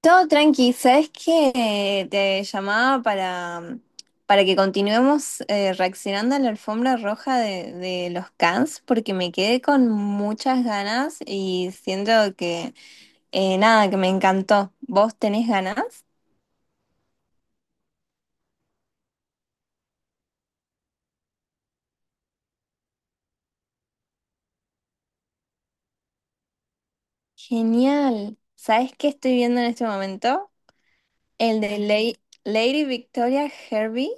Todo tranqui, ¿sabes qué? Te llamaba para que continuemos reaccionando a la alfombra roja de los Cans, porque me quedé con muchas ganas y siento que, nada, que me encantó. ¿Vos tenés ganas? Genial. ¿Sabes qué estoy viendo en este momento? El de Lady, Lady Victoria Herbie.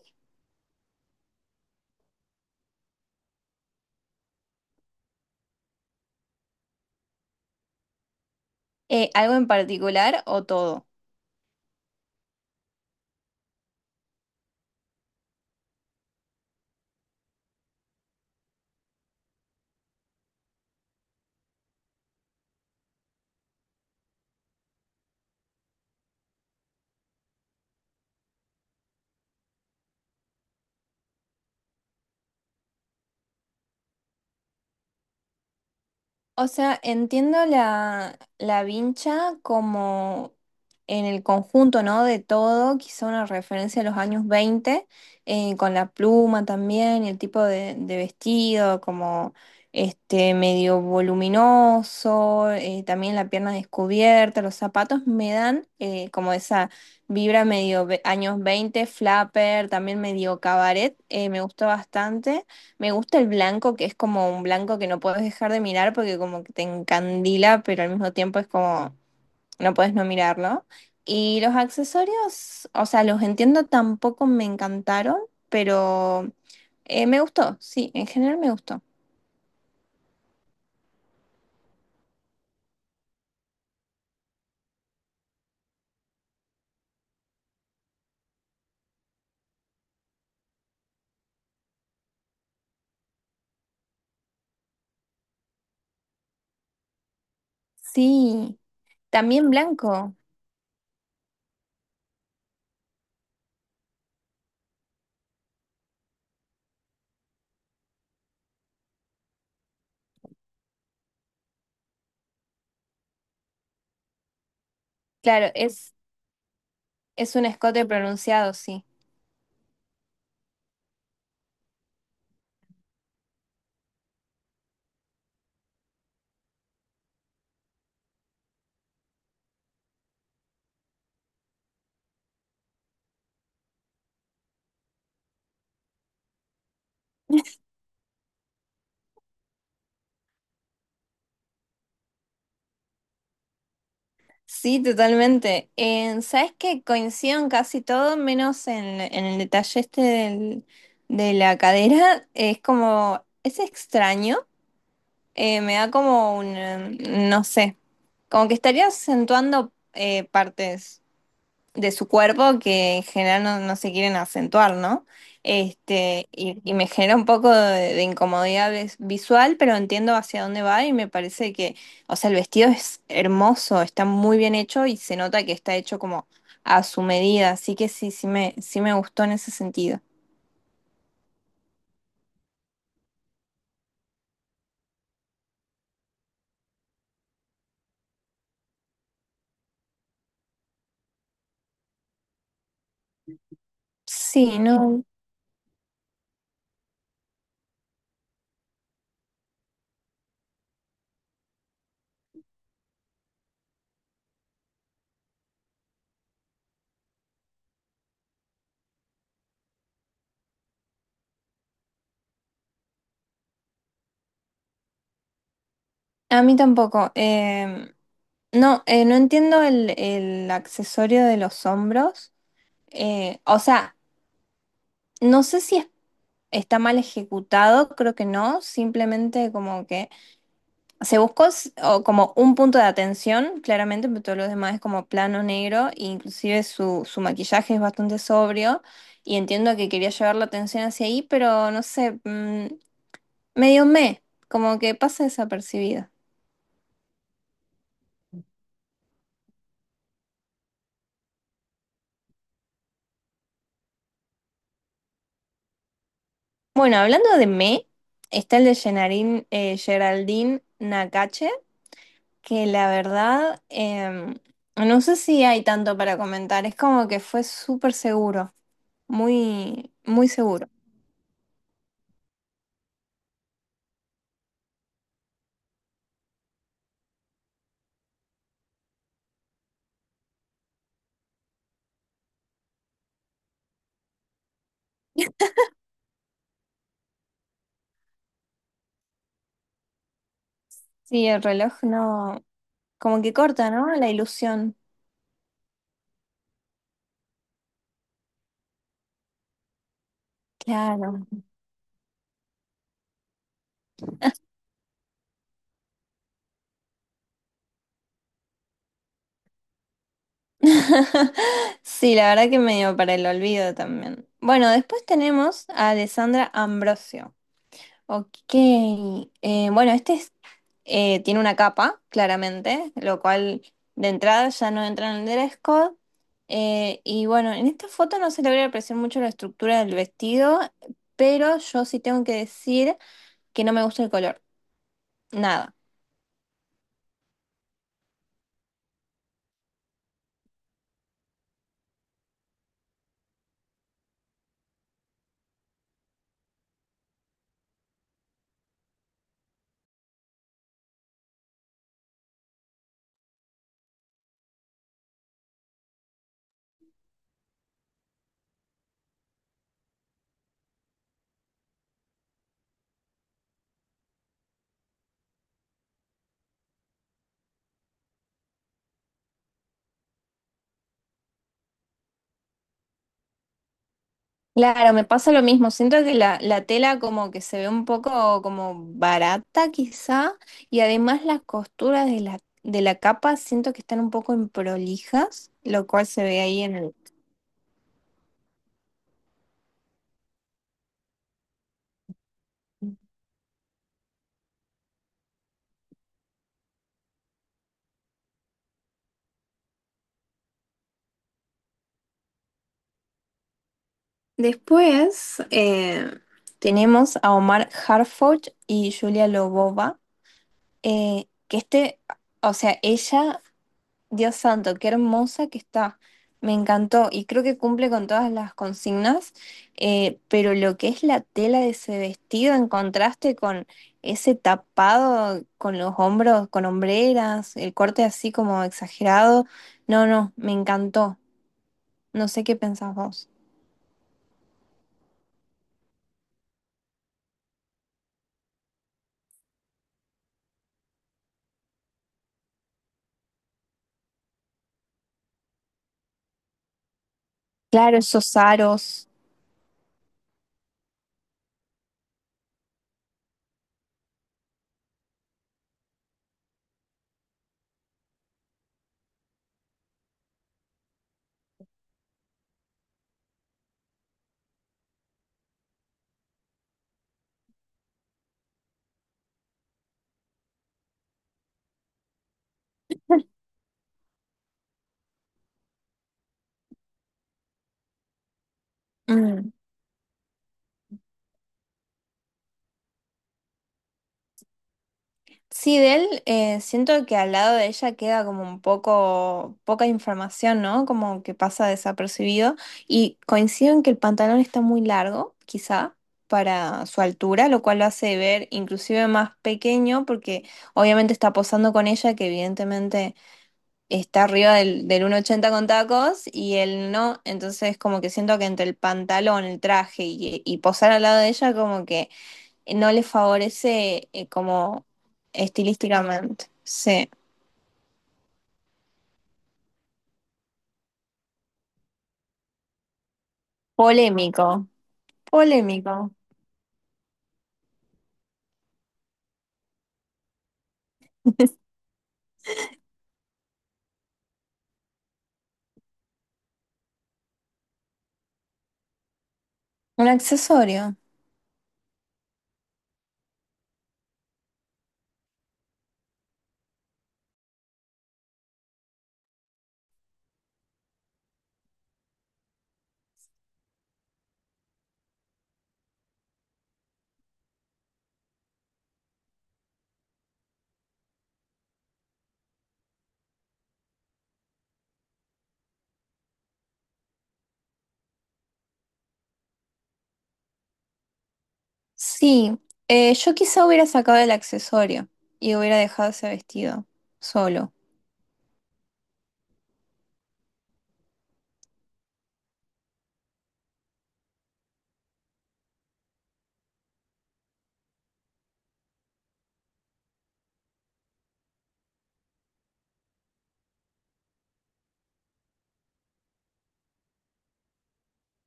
¿Algo en particular o todo? O sea, entiendo la vincha como en el conjunto, ¿no? De todo, quizá una referencia a los años 20 con la pluma también y el tipo de vestido, como este medio voluminoso, también la pierna descubierta, los zapatos me dan como esa vibra años 20 flapper, también medio cabaret, me gustó bastante. Me gusta el blanco, que es como un blanco que no puedes dejar de mirar porque como que te encandila, pero al mismo tiempo es como no puedes no mirarlo. Y los accesorios, o sea, los entiendo, tampoco me encantaron, pero me gustó, sí, en general me gustó. Sí, también blanco. Claro, es, es un escote pronunciado, sí. Sí, totalmente. ¿Sabes qué? Coincido en casi todo, menos en el detalle de la cadera. Es como, es extraño. Me da como no sé, como que estaría acentuando partes de su cuerpo que en general no, no se quieren acentuar, ¿no? Este, y me genera un poco de incomodidad visual, pero entiendo hacia dónde va y me parece que, o sea, el vestido es hermoso, está muy bien hecho y se nota que está hecho como a su medida, así que sí, sí me gustó en ese sentido. Sí, no, a mí tampoco. No, no entiendo el accesorio de los hombros. O sea, no sé si es está mal ejecutado, creo que no, simplemente como que se buscó s- o como un punto de atención, claramente, pero todo lo demás es como plano negro, e inclusive su, su maquillaje es bastante sobrio y entiendo que quería llevar la atención hacia ahí, pero no sé, medio me, como que pasa desapercibido. Bueno, está el de Geraldine Nakache, que la verdad... no sé si hay tanto para comentar, es como que fue súper seguro. Muy, muy seguro. Sí, el reloj no, como que corta, ¿no? La ilusión. Claro. Sí, la verdad que medio para el olvido también. Bueno, después tenemos a Alessandra Ambrosio. Ok, bueno, este tiene una capa, claramente, lo cual de entrada ya no entra en el dress code. Y bueno, en esta foto no se logra apreciar mucho la estructura del vestido, pero yo sí tengo que decir que no me gusta el color. Nada. Claro, me pasa lo mismo. Siento que la tela como que se ve un poco como barata quizá y además las costuras de de la capa siento que están un poco improlijas, lo cual se ve ahí en el... Después tenemos a Omar Harford y Julia Lobova, eh, que este, o sea, ella Dios santo, qué hermosa que está. Me encantó y creo que cumple con todas las consignas, pero lo que es la tela de ese vestido en contraste con ese tapado con los hombros, con hombreras, el corte así como exagerado, no, no, me encantó. No sé qué pensás vos. Claro, esos aros. Sí, de él siento que al lado de ella queda como un poco poca información, ¿no? Como que pasa desapercibido. Y coincido en que el pantalón está muy largo, quizá, para su altura, lo cual lo hace ver inclusive más pequeño, porque obviamente está posando con ella, que evidentemente está arriba del 1,80 con tacos, y él no. Entonces como que siento que entre el pantalón, el traje y posar al lado de ella, como que no le favorece , como estilísticamente. Sí. Polémico, polémico. Un accesorio. Sí, yo quizá hubiera sacado el accesorio y hubiera dejado ese vestido solo.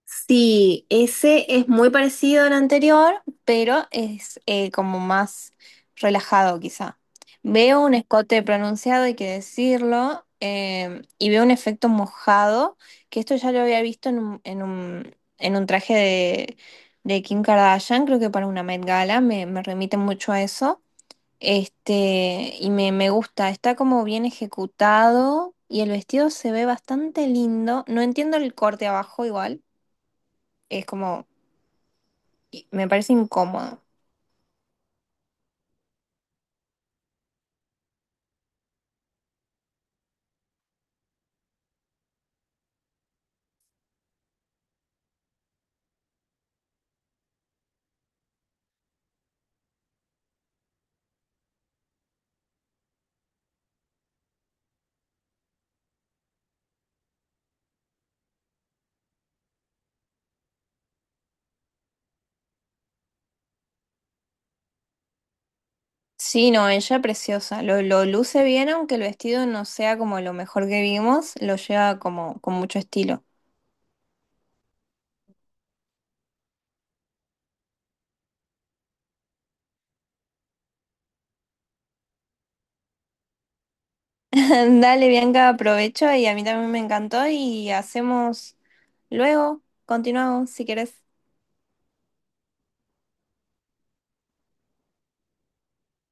Sí, ese es muy parecido al anterior, pero es como más relajado quizá. Veo un escote pronunciado, hay que decirlo, y veo un efecto mojado, que esto ya lo había visto en un, en un traje de Kim Kardashian, creo que para una Met Gala, me remite mucho a eso. Este, y me gusta, está como bien ejecutado y el vestido se ve bastante lindo. No entiendo el corte abajo igual es como, me parece incómodo. Sí, no, ella preciosa. Lo luce bien, aunque el vestido no sea como lo mejor que vimos, lo lleva como con mucho estilo. Dale, Bianca, aprovecho y a mí también me encantó y hacemos luego, continuamos si querés.